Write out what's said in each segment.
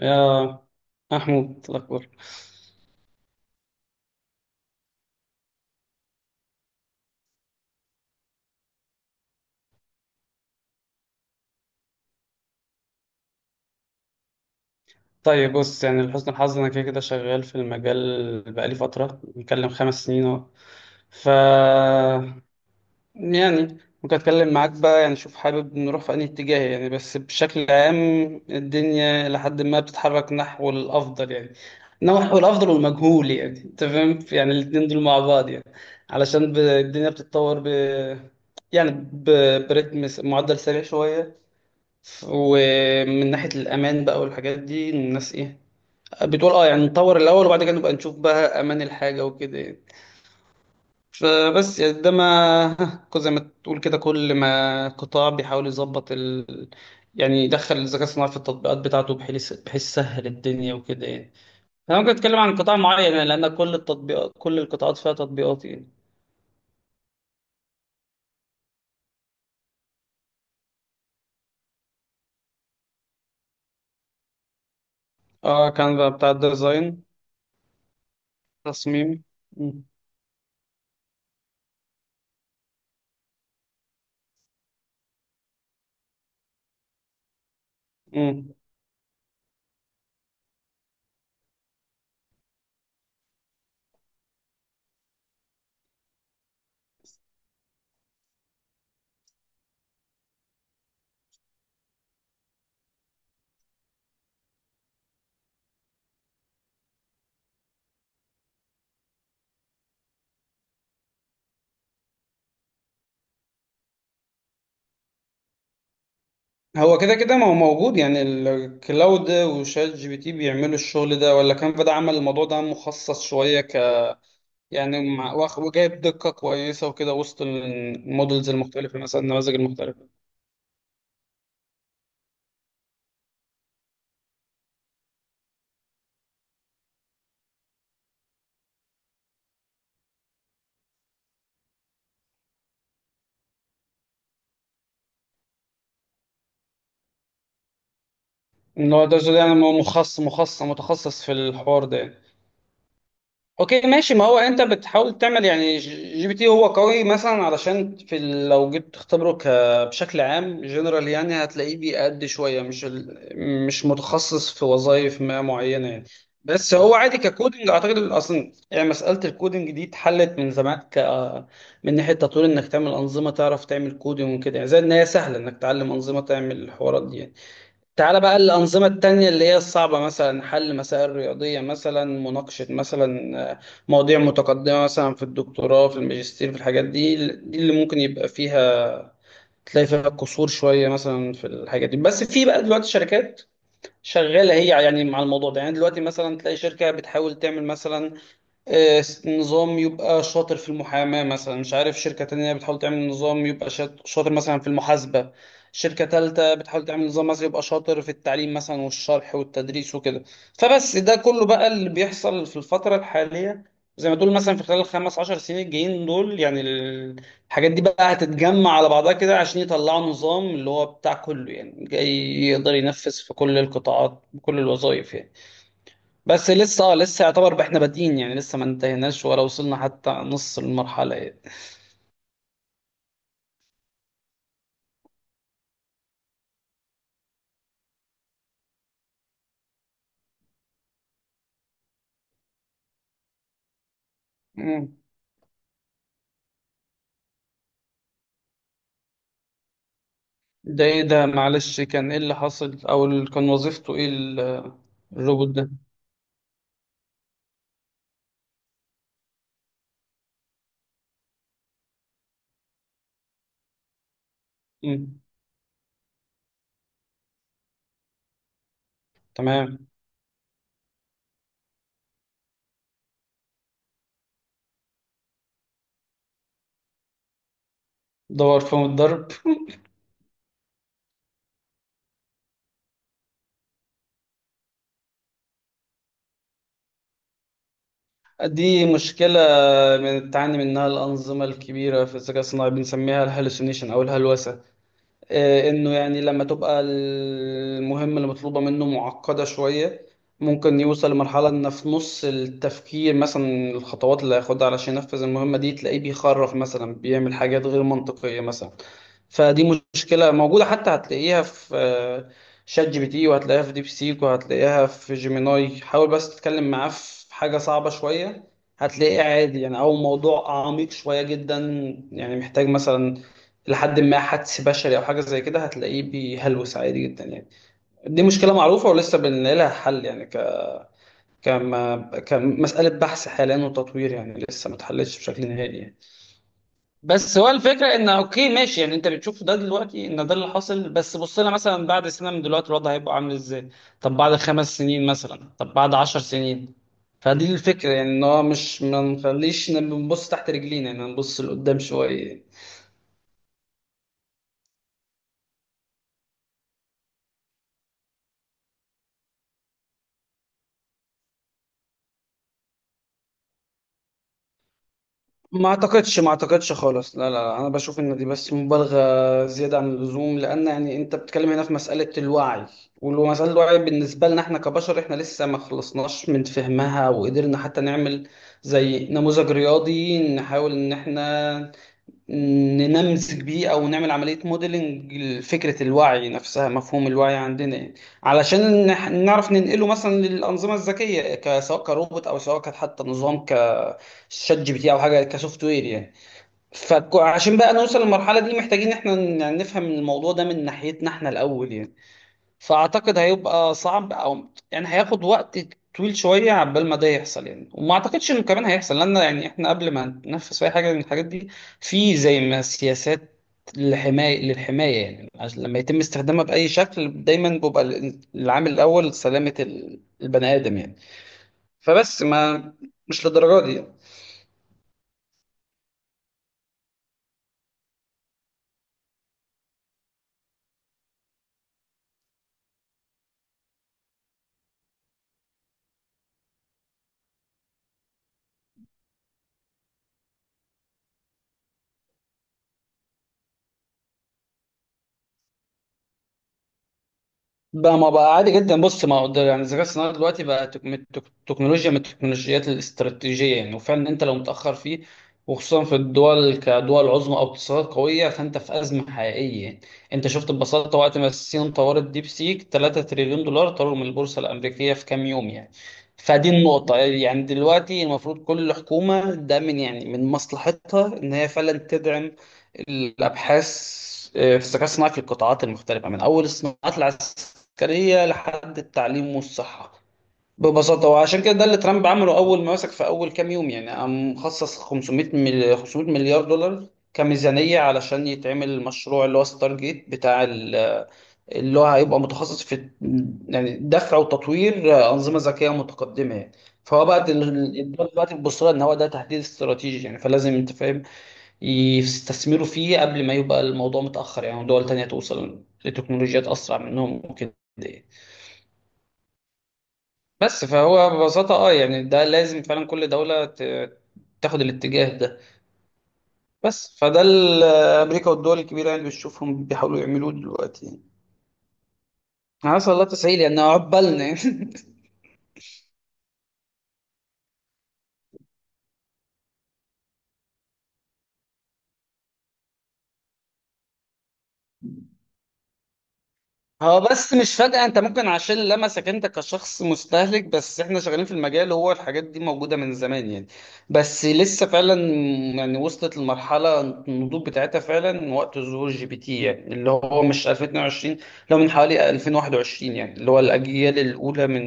يا محمود، الأخبار؟ طيب بص، لحسن الحظ أنا كده كده شغال في المجال بقالي فترة، بنتكلم خمس سنين أهو. ف يعني ممكن أتكلم معاك بقى، يعني شوف حابب نروح في أنهي اتجاه. يعني بس بشكل عام الدنيا لحد ما بتتحرك نحو الأفضل يعني، نحو الأفضل والمجهول. يعني أنت فاهم، يعني الاتنين دول مع بعض يعني. علشان الدنيا بتتطور يعني برتم معدل سريع شوية. ومن ناحية الأمان بقى والحاجات دي، الناس إيه بتقول؟ أه، يعني نطور الأول وبعد كده نبقى نشوف بقى أمان الحاجة وكده يعني. فبس يعني ده ما زي ما تقول كده، كل ما قطاع بيحاول يظبط يعني يدخل الذكاء الصناعي في التطبيقات بتاعته بحيث بحيث سهل الدنيا وكده يعني. أنا ممكن أتكلم عن قطاع معين، يعني لأن كل التطبيقات، كل القطاعات فيها تطبيقات يعني. أه، كان بقى بتاع الديزاين، تصميم. مم. مم. هو كده كده ما هو موجود، يعني الكلاود وشات جي بي تي بيعملوا الشغل ده، ولا كانفا ده عمل الموضوع ده مخصص شوية يعني مع وجايب دقة كويسة وكده وسط المودلز المختلفة، مثلا النماذج المختلفة. ان هو ده يعني، هو مخصص متخصص في الحوار ده يعني. اوكي ماشي، ما هو انت بتحاول تعمل يعني. جي بي تي هو قوي مثلا، علشان في لو جيت تختبره بشكل عام جنرال، يعني هتلاقيه بيأدي شويه مش مش متخصص في وظائف ما معينه يعني. بس هو عادي ككودنج، اعتقد اصلا يعني مساله الكودنج دي اتحلت من زمان، من ناحيه تطوير انك تعمل انظمه، تعرف تعمل كودنج وكده يعني. زي ان هي سهله انك تعلم انظمه تعمل الحوارات دي يعني. تعالى بقى الأنظمة التانية اللي هي الصعبة، مثلا حل مسائل رياضية، مثلا مناقشة مثلا، مواضيع متقدمة مثلا في الدكتوراه، في الماجستير، في الحاجات دي. دي اللي ممكن يبقى فيها، تلاقي فيها قصور شوية مثلا في الحاجات دي. بس في بقى دلوقتي شركات شغالة هي يعني مع الموضوع ده يعني. دلوقتي مثلا تلاقي شركة بتحاول تعمل مثلا، نظام يبقى شاطر في المحاماة مثلا. مش عارف، شركة تانية بتحاول تعمل نظام يبقى شاطر مثلا في المحاسبة. شركة تالتة بتحاول تعمل نظام مثلا يبقى شاطر في التعليم مثلا، والشرح والتدريس وكده. فبس ده كله بقى اللي بيحصل في الفترة الحالية. زي ما تقول مثلا في خلال الخمس عشر سنين الجايين دول يعني، الحاجات دي بقى هتتجمع على بعضها كده عشان يطلعوا نظام اللي هو بتاع كله، يعني جاي يقدر ينفذ في كل القطاعات بكل الوظائف يعني. بس لسه لسه يعتبر احنا بادئين، يعني لسه ما انتهيناش ولا وصلنا حتى نص المرحلة يعني. مم. ده ايه ده؟ معلش، كان ايه اللي حصل او كان وظيفته ايه الروبوت ده؟ مم. تمام. دور فيهم الضرب؟ دي مشكلة بتعاني منها الأنظمة الكبيرة في الذكاء الصناعي، بنسميها الهلوسينيشن أو الهلوسة. انه يعني لما تبقى المهمة اللي مطلوبة منه معقدة شوية، ممكن يوصل لمرحلة ان في نص التفكير مثلا، الخطوات اللي هياخدها علشان ينفذ المهمة دي، تلاقيه بيخرف مثلا، بيعمل حاجات غير منطقية مثلا. فدي مشكلة موجودة، حتى هتلاقيها في شات جي بي تي، وهتلاقيها في ديب سيك، وهتلاقيها في جيميناي. حاول بس تتكلم معاه في حاجة صعبة شوية، هتلاقيه عادي يعني. أو موضوع عميق شوية جدا، يعني محتاج مثلا لحد ما حدس بشري أو حاجة زي كده، هتلاقيه بيهلوس عادي جدا يعني. دي مشكلة معروفة ولسه بنلاقي لها حل يعني، كما كمسألة بحث حاليا وتطوير، يعني لسه ما اتحلتش بشكل نهائي يعني. بس هو الفكره ان اوكي ماشي يعني، انت بتشوف ده دلوقتي ان ده اللي حاصل، بس بص لنا مثلا بعد سنه من دلوقتي الوضع هيبقى عامل ازاي؟ طب بعد خمس سنين مثلا؟ طب بعد عشر سنين؟ فدي الفكره يعني، ان هو مش ما نخليش نبص تحت رجلينا يعني، نبص لقدام شويه. ما اعتقدش، ما اعتقدش خالص. لا لا لا، انا بشوف ان دي بس مبالغه زياده عن اللزوم، لان يعني انت بتتكلم هنا في مساله الوعي. ومساله الوعي بالنسبه لنا احنا كبشر، احنا لسه ما خلصناش من فهمها وقدرنا حتى نعمل زي نموذج رياضي نحاول ان احنا ننمذج بيه، او نعمل عمليه موديلنج لفكره الوعي نفسها، مفهوم الوعي عندنا يعني. علشان نعرف ننقله مثلا للانظمه الذكيه، سواء كروبوت او سواء كانت حتى نظام كشات جي بي تي او حاجه كسوفت وير يعني. فعشان بقى نوصل للمرحله دي، محتاجين احنا يعني نفهم الموضوع ده من ناحيتنا احنا الاول يعني. فاعتقد هيبقى صعب، او يعني هياخد وقت طويل شويه عبال ما ده يحصل يعني. وما اعتقدش انه كمان هيحصل، لان يعني احنا قبل ما ننفذ اي حاجه من الحاجات دي، في زي ما سياسات للحمايه يعني، عشان لما يتم استخدامها باي شكل دايما بيبقى العامل الاول سلامه البني ادم يعني. فبس ما، مش للدرجه دي. بقى ما، بقى عادي جدا. بص، ما هو ده يعني الذكاء الصناعي دلوقتي بقى تكنولوجيا من التكنولوجيات الاستراتيجية يعني. وفعلا انت لو متأخر فيه، وخصوصا في الدول كدول عظمى او اقتصادات قوية، فانت في أزمة حقيقية يعني. انت شفت ببساطة وقت ما الصين طورت ديب سيك، 3 تريليون دولار طاروا من البورصة الأمريكية في كام يوم يعني. فدي النقطة يعني، دلوقتي المفروض كل حكومة ده من يعني من مصلحتها ان هي فعلا تدعم الابحاث في الذكاء الصناعي في القطاعات المختلفه، من اول الصناعات العسكريه لحد التعليم والصحه ببساطه. وعشان كده ده اللي ترامب عمله اول ما مسك في اول كام يوم يعني، قام مخصص 500 مليار دولار كميزانيه علشان يتعمل المشروع اللي هو ستار جيت بتاع اللي هو هيبقى متخصص في يعني دفع وتطوير انظمه ذكيه متقدمه يعني. فهو بقى الدول دلوقتي بتبص لها ان هو ده تهديد استراتيجي يعني، فلازم انت فاهم يستثمروا فيه قبل ما يبقى الموضوع متأخر، يعني دول تانية توصل لتكنولوجيات أسرع منهم وكده يعني. بس فهو ببساطة اه يعني، ده لازم فعلا كل دولة تاخد الاتجاه ده. بس فده أمريكا والدول الكبيرة يعني بتشوفهم بيحاولوا يعملوه دلوقتي يعني. حسن الله تسهيل يعني، عقبالنا هو بس مش فجأة، انت ممكن عشان لمسك انت كشخص مستهلك، بس احنا شغالين في المجال، هو الحاجات دي موجودة من زمان يعني. بس لسه فعلا يعني وصلت لمرحلة النضوج بتاعتها فعلا وقت ظهور جي بي تي يعني، اللي هو مش 2022، لو من حوالي 2021 يعني، اللي هو الأجيال الأولى من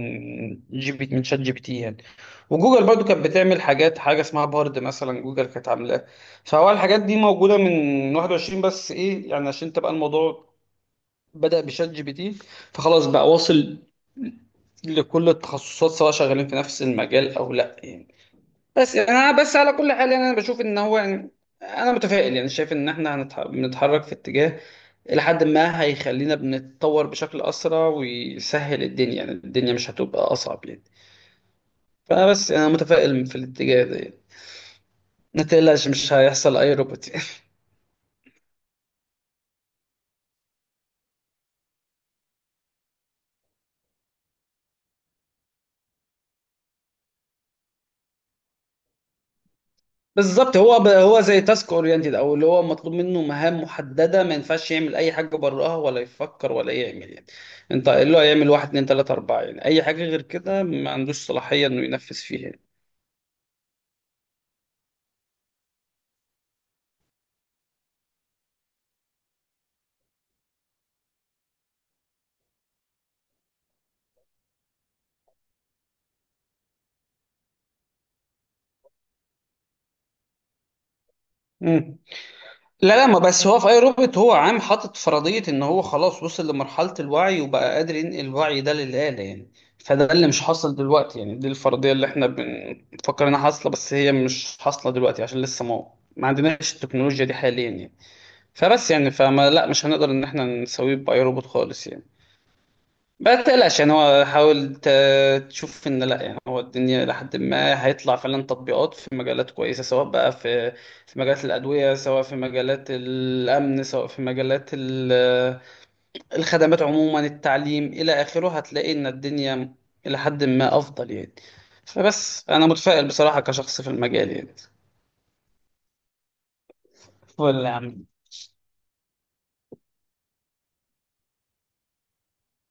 جي بي، من شات جي بي تي يعني. وجوجل برضو كانت بتعمل حاجات، حاجة اسمها بارد مثلا جوجل كانت عاملاها. فهو الحاجات دي موجودة من 21، بس ايه يعني عشان تبقى الموضوع بدأ بشات جي بي تي، فخلاص بقى واصل لكل التخصصات، سواء شغالين في نفس المجال او لا يعني. بس يعني انا، بس على كل حال يعني، انا بشوف ان هو يعني انا متفائل، يعني شايف ان احنا بنتحرك في اتجاه الى حد ما هيخلينا بنتطور بشكل اسرع ويسهل الدنيا، يعني الدنيا مش هتبقى اصعب يعني. فانا بس، انا متفائل في الاتجاه ده يعني. ما تقلقش، مش هيحصل اي روبوت يعني. بالظبط، هو زي تاسك اورينتد، او اللي هو مطلوب منه مهام محدده، ما ينفعش يعمل اي حاجه براها، ولا يفكر ولا يعمل يعني. انت اللي هو يعمل واحد اتنين تلاته اربعه يعني، اي حاجه غير كده ما عندوش صلاحيه انه ينفذ فيها يعني. مم. لا لا، ما بس هو في اي روبوت هو عام حاطط فرضيه ان هو خلاص وصل لمرحله الوعي، وبقى قادر ينقل الوعي ده للاله يعني. فده اللي مش حاصل دلوقتي يعني، دي الفرضيه اللي احنا بنفكر انها حاصله، بس هي مش حاصله دلوقتي عشان لسه ما عندناش التكنولوجيا دي حاليا يعني. فبس يعني فما لا، مش هنقدر ان احنا نسويه باي روبوت خالص يعني. ما تقلقش يعني، هو حاول تشوف ان لا يعني، هو الدنيا لحد ما هيطلع فعلا تطبيقات في مجالات كويسه، سواء بقى في في مجالات الادويه، سواء في مجالات الامن، سواء في مجالات الخدمات عموما، التعليم الى اخره، هتلاقي ان الدنيا الى حد ما افضل يعني. فبس انا متفائل بصراحه كشخص في المجال يعني. ولا